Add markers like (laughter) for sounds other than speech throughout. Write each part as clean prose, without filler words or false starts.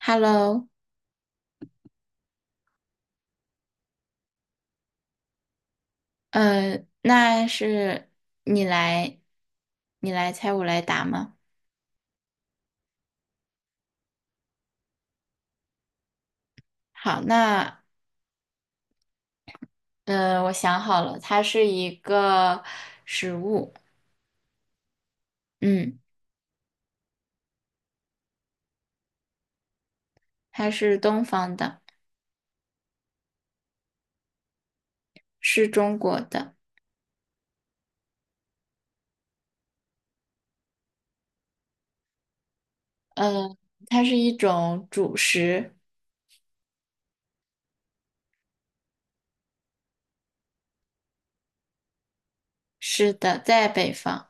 Hello，呃，那是你来，你来猜我来答吗？好，那我想好了，它是一个食物。嗯，它是东方的，是中国的。呃，它是一种主食，是的，在北方，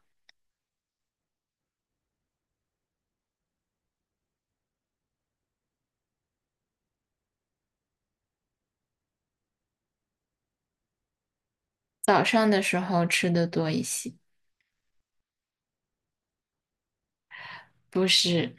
早上的时候吃的多一些。不是，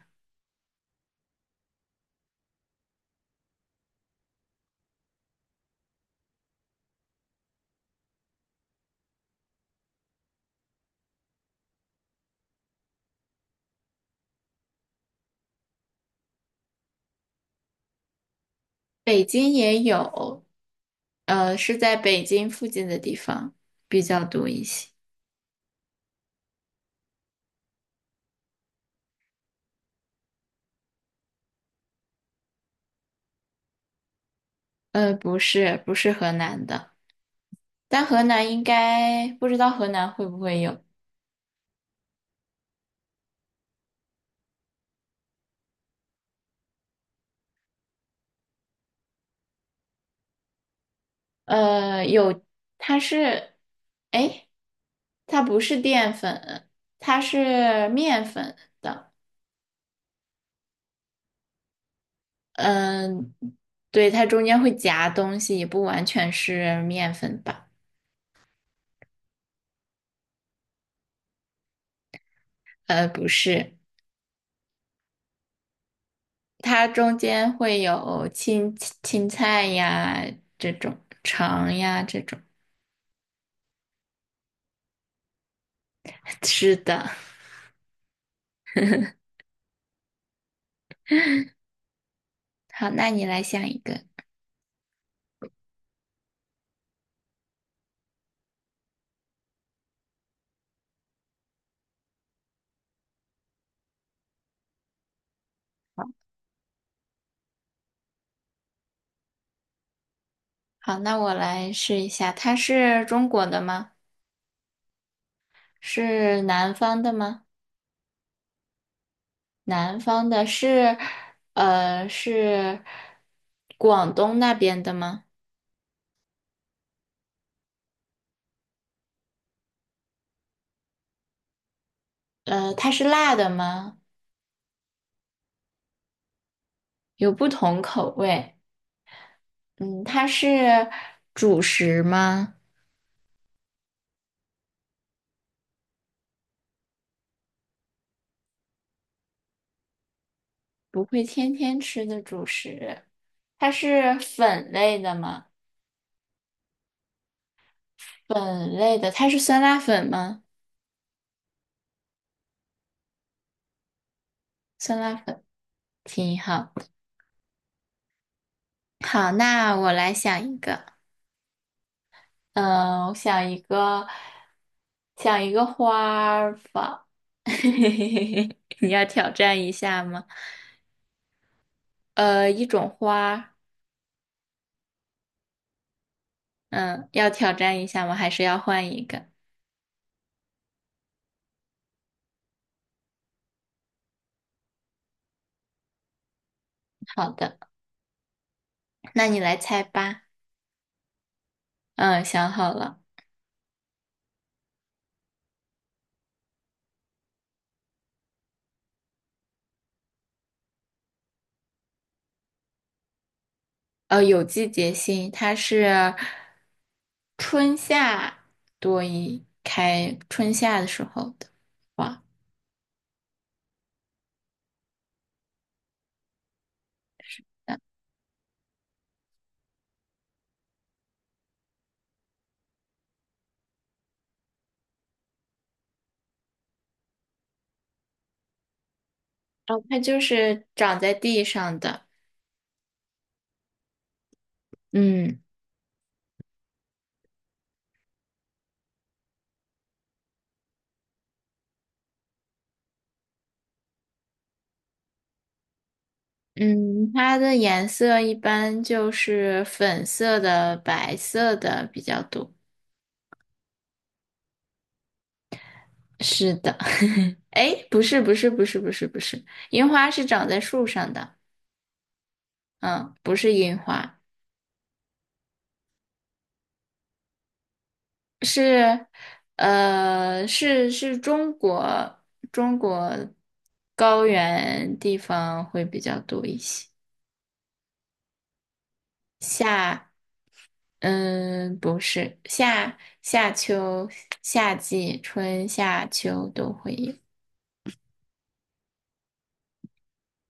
北京也有，是在北京附近的地方比较多一些。不是，不是河南的，但河南应该不知道河南会不会有。有，它是，哎，它不是淀粉，它是面粉的。嗯、对，它中间会夹东西，也不完全是面粉吧？不是，它中间会有青菜呀这种，肠呀这种。(laughs) 是的，好，那你来想一个。好，那我来试一下，它是中国的吗？是南方的吗？南方的是，是广东那边的吗？它是辣的吗？有不同口味。嗯，它是主食吗？不会天天吃的主食。它是粉类的吗？粉类的，它是酸辣粉吗？酸辣粉，挺好。好，那我来想一个。嗯，我想一个，想一个花儿吧。(laughs) 你要挑战一下吗？一种花。嗯，要挑战一下吗？还是要换一个？好的，那你来猜吧。嗯，想好了。有季节性，它是春夏多一开，春夏的时候的花。哦，它就是长在地上的。嗯。嗯，它的颜色一般就是粉色的、白色的比较多。是的，(laughs) 哎，不是，不是，不是，不是，不是，樱花是长在树上的。嗯，不是樱花，是，是中国中国高原地方会比较多一些。夏，嗯，不是夏夏秋夏季春夏秋都会有。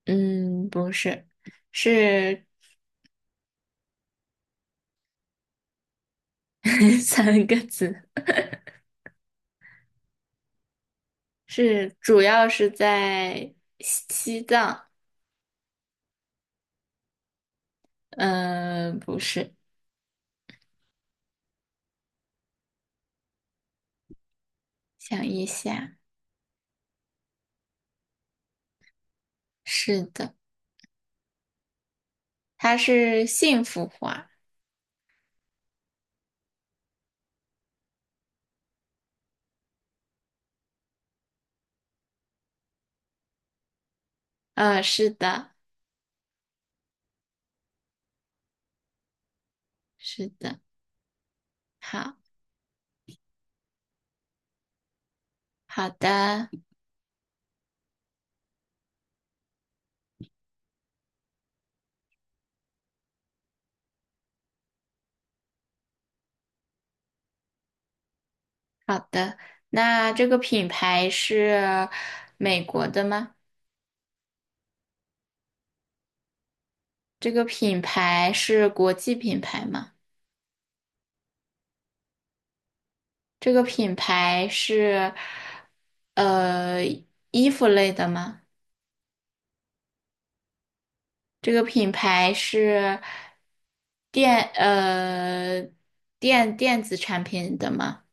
嗯，不是，是 (laughs) 三个字，是主要是在西藏。嗯、不是，想一下，是的，它是幸福花。是的，是的，好，好的，好的。那这个品牌是美国的吗？这个品牌是国际品牌吗？这个品牌是呃衣服类的吗？这个品牌是电呃电子产品的吗？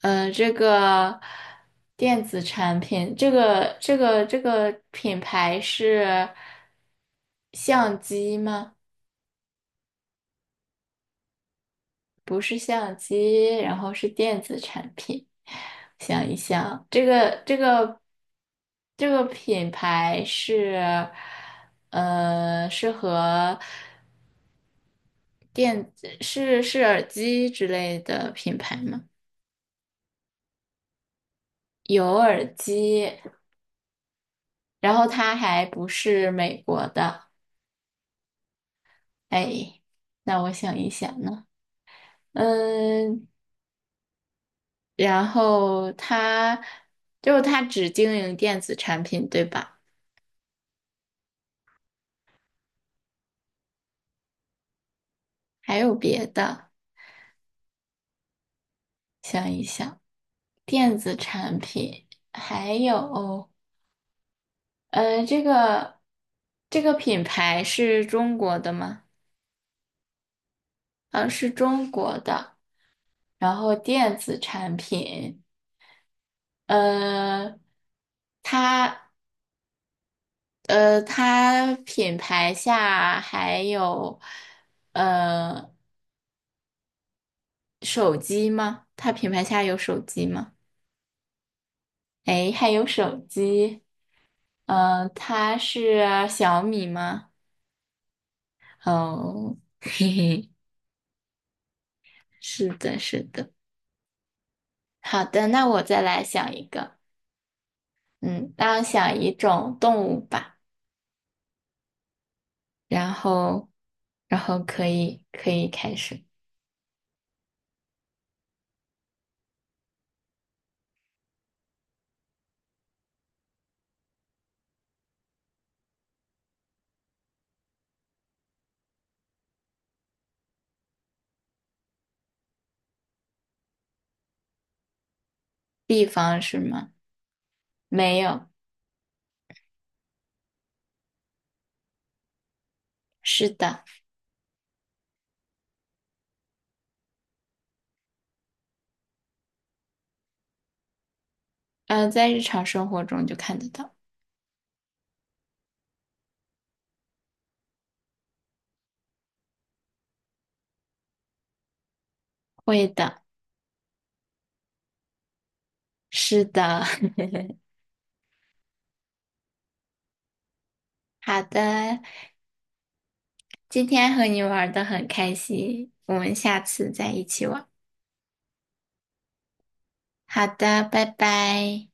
这个电子产品，这个品牌是相机吗？不是相机，然后是电子产品。想一想，这个品牌是，是和电子是是耳机之类的品牌吗？有耳机，然后它还不是美国的。哎，那我想一想呢，嗯，然后它就它只经营电子产品，对吧？还有别的。想一想，电子产品，还有，这个这个品牌是中国的吗？啊，是中国的。然后电子产品，呃，它它品牌下还有呃手机吗？它品牌下有手机吗？诶，还有手机，嗯，它是小米吗？哦，(laughs) 嘿嘿。是的，是的。好的，那我再来想一个，嗯，那我想一种动物吧，然后，然后可以开始。地方是吗？没有，是的，嗯，在日常生活中就看得到。会的，是的，(laughs) 好的，今天和你玩的很开心，我们下次再一起玩。好的，拜拜。